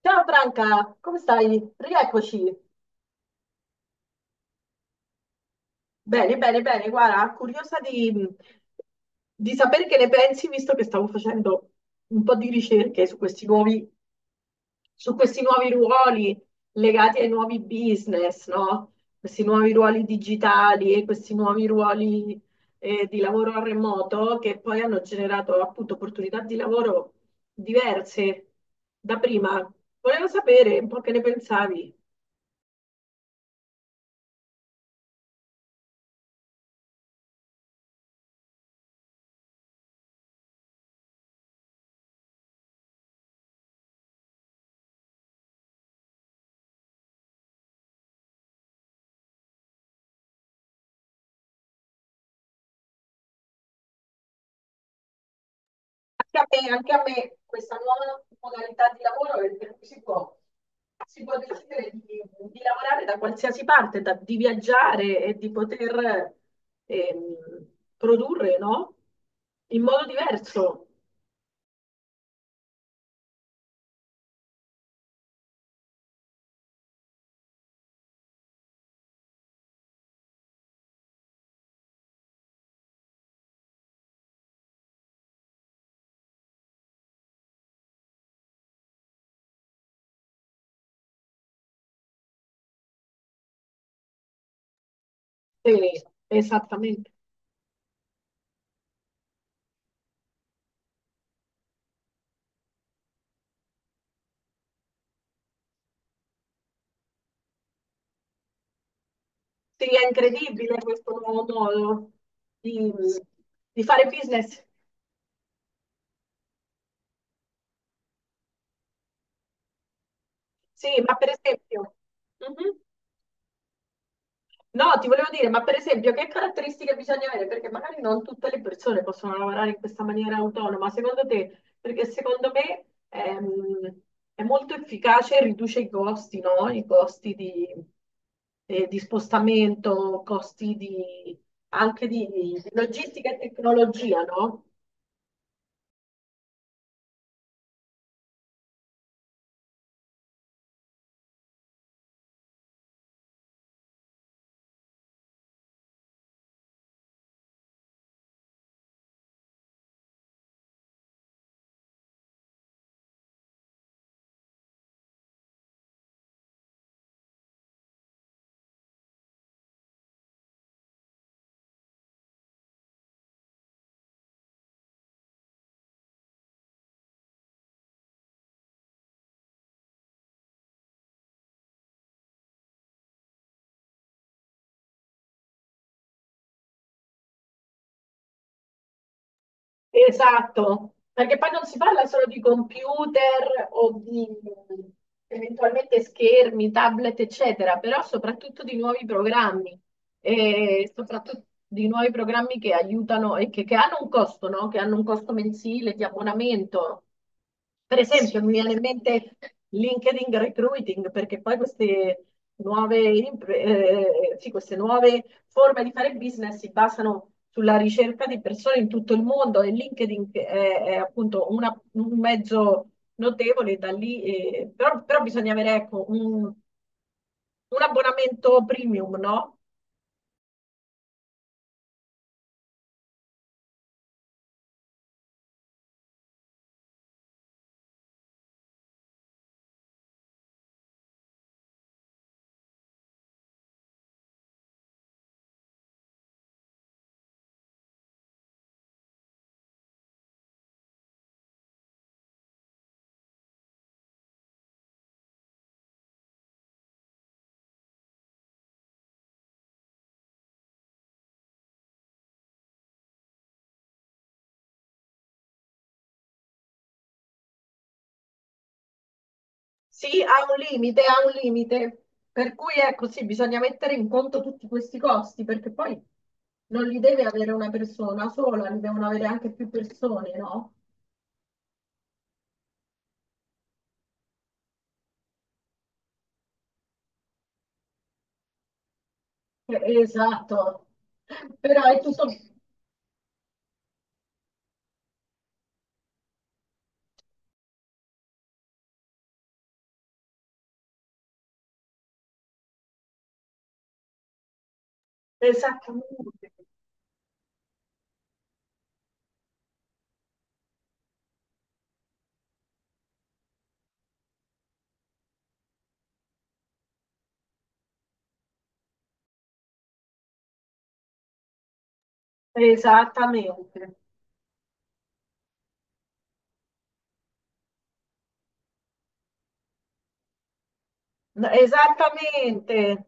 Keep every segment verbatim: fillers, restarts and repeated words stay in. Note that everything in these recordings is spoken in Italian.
Ciao Franca, come stai? Rieccoci. Bene, bene, bene. Guarda, curiosa di, di sapere che ne pensi, visto che stavo facendo un po' di ricerche su questi nuovi, su questi nuovi ruoli legati ai nuovi business, no? Questi nuovi ruoli digitali e questi nuovi ruoli eh, di lavoro a remoto che poi hanno generato appunto opportunità di lavoro diverse da prima. Volevo sapere un po' che ne pensavi. Anche a me, anche a me questa nuova modalità di lavoro è per cui si può, si può decidere di, di lavorare da qualsiasi parte, da- di viaggiare e di poter ehm, produrre, no? In modo diverso. Sì, esattamente. Sì, è incredibile questo nuovo modo di, di fare business. Sì, ma per esempio... Mhm. No, ti volevo dire, ma per esempio, che caratteristiche bisogna avere? Perché magari non tutte le persone possono lavorare in questa maniera autonoma, secondo te? Perché secondo me ehm, è, molto efficace, riduce i costi, no? I costi di, eh, di spostamento, costi di, anche di, di logistica e tecnologia, no? Esatto, perché poi non si parla solo di computer o di eventualmente schermi, tablet, eccetera, però soprattutto di nuovi programmi e soprattutto di nuovi programmi che aiutano e che, che hanno un costo, no? Che hanno un costo mensile di abbonamento. Per Sì. esempio, mi viene in mente LinkedIn Recruiting, perché poi queste nuove, impre- eh, sì, queste nuove forme di fare business si basano sulla ricerca di persone in tutto il mondo e LinkedIn è, è appunto una- un mezzo notevole da lì, eh, però, però bisogna avere ecco, un, un abbonamento premium, no? Sì, ha un limite, ha un limite. Per cui ecco, sì, bisogna mettere in conto tutti questi costi, perché poi non li deve avere una persona sola, li devono avere anche più persone, no? Eh, esatto. Però è tutto esattamente, esattamente. No, esattamente.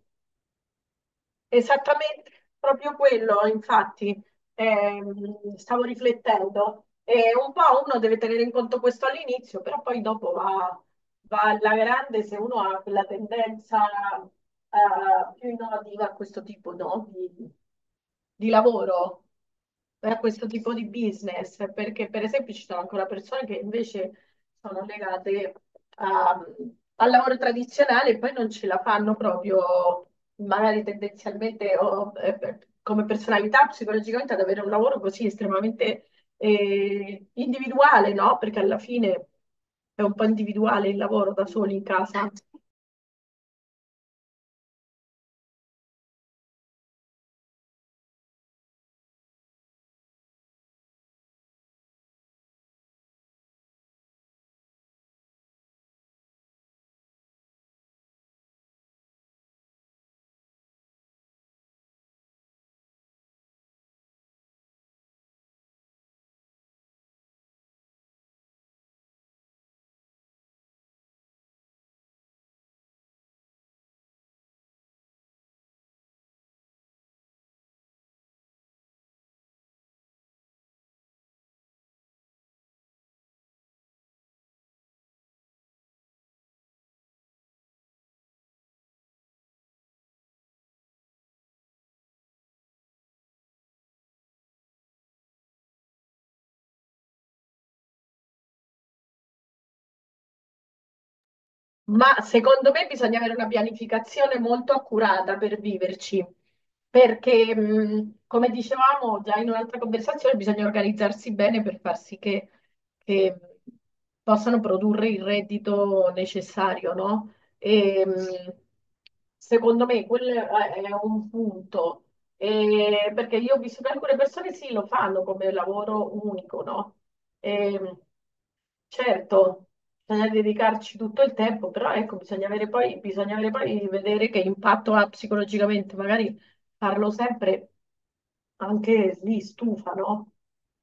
Esattamente proprio quello, infatti, ehm, stavo riflettendo. E un po' uno deve tenere in conto questo all'inizio, però poi dopo va, va alla grande se uno ha quella tendenza eh, più innovativa a questo tipo, no, di, di lavoro, a questo tipo di business, perché per esempio ci sono ancora persone che invece sono legate a- al lavoro tradizionale e poi non ce la fanno proprio magari tendenzialmente o eh, per- come personalità psicologicamente ad avere un lavoro così estremamente eh, individuale, no? Perché alla fine è un po' individuale il lavoro da soli in casa. Ma secondo me bisogna avere una pianificazione molto accurata per viverci, perché mh, come dicevamo già in un'altra conversazione, bisogna organizzarsi bene per far sì che, che possano produrre il reddito necessario, no? E, mh, secondo me quello è è un punto. E, perché io ho visto che alcune persone sì, lo fanno come lavoro unico, no? E, mh, certo, bisogna dedicarci tutto il tempo, però ecco, bisogna avere poi, bisogna avere poi vedere che impatto ha psicologicamente, magari farlo sempre anche lì stufa, no?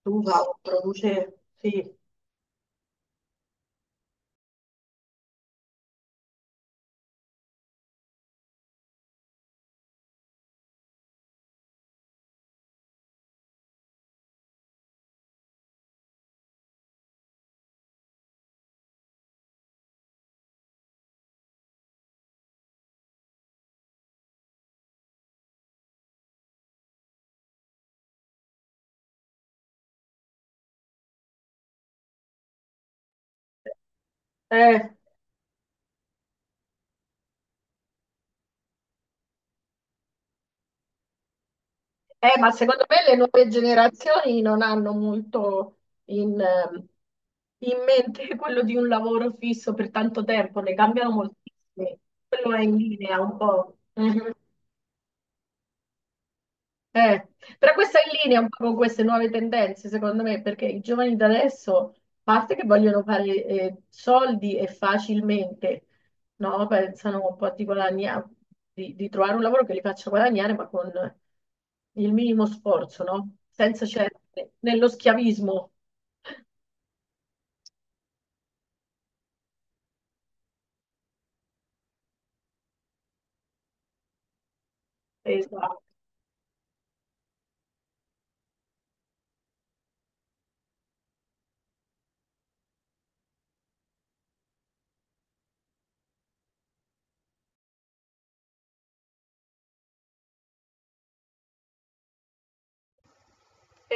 Stufa o produce, sì. Eh. Eh, ma secondo me le nuove generazioni non hanno molto in, ehm, in mente quello di un lavoro fisso per tanto tempo, ne cambiano moltissimi. Quello è in linea un po'. Mhm. Eh, però questa è in linea un po' con queste nuove tendenze, secondo me, perché i giovani da adesso, a parte che vogliono fare eh, soldi e facilmente, no? Pensano un po' di guadagnare, di, di trovare un lavoro che li faccia guadagnare, ma con il minimo sforzo, no? Senza certe, nello schiavismo. Esatto,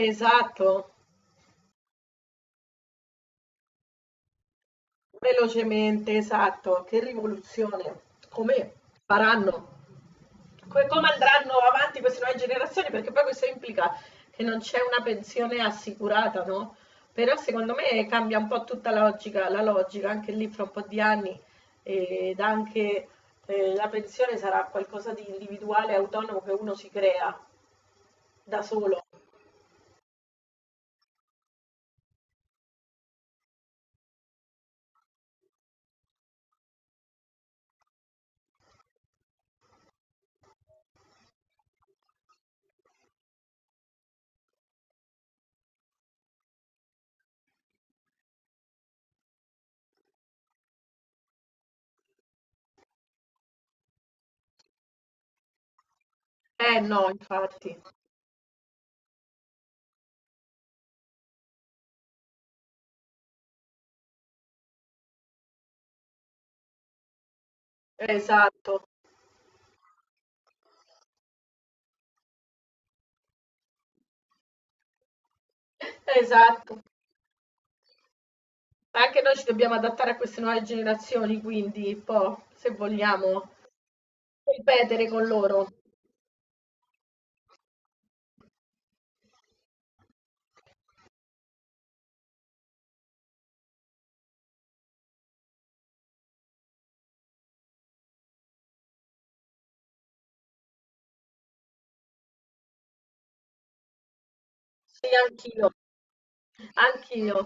esatto, velocemente, esatto, che rivoluzione. Come faranno? Come, come andranno avanti queste nuove generazioni, perché poi questo implica che non c'è una pensione assicurata, no? Però secondo me cambia un po' tutta la logica, la logica anche lì fra un po' di anni eh, ed anche eh, la pensione sarà qualcosa di individuale, autonomo che uno si crea da solo. Eh no, infatti, esatto, esatto. Anche noi ci dobbiamo adattare a queste nuove generazioni, quindi un po', se vogliamo, ripetere con loro. Sì, anch'io. Anch'io.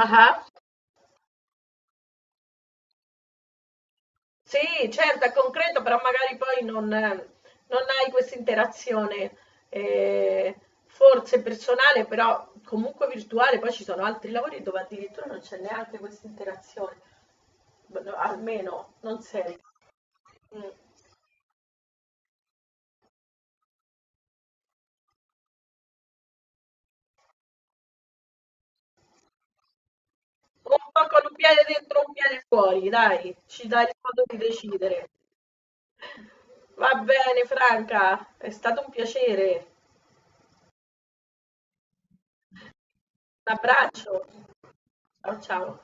Ah-ah. Sì, certo, è concreto, però magari poi non, non hai questa interazione eh, forse personale, però comunque virtuale. Poi ci sono altri lavori dove addirittura non c'è neanche questa interazione, B- no, almeno non sempre. Mm. Un po' con un piede dentro, e un piede fuori, dai, ci dai il modo di decidere. Va bene, Franca, è stato un piacere. Un abbraccio. Ciao, ciao.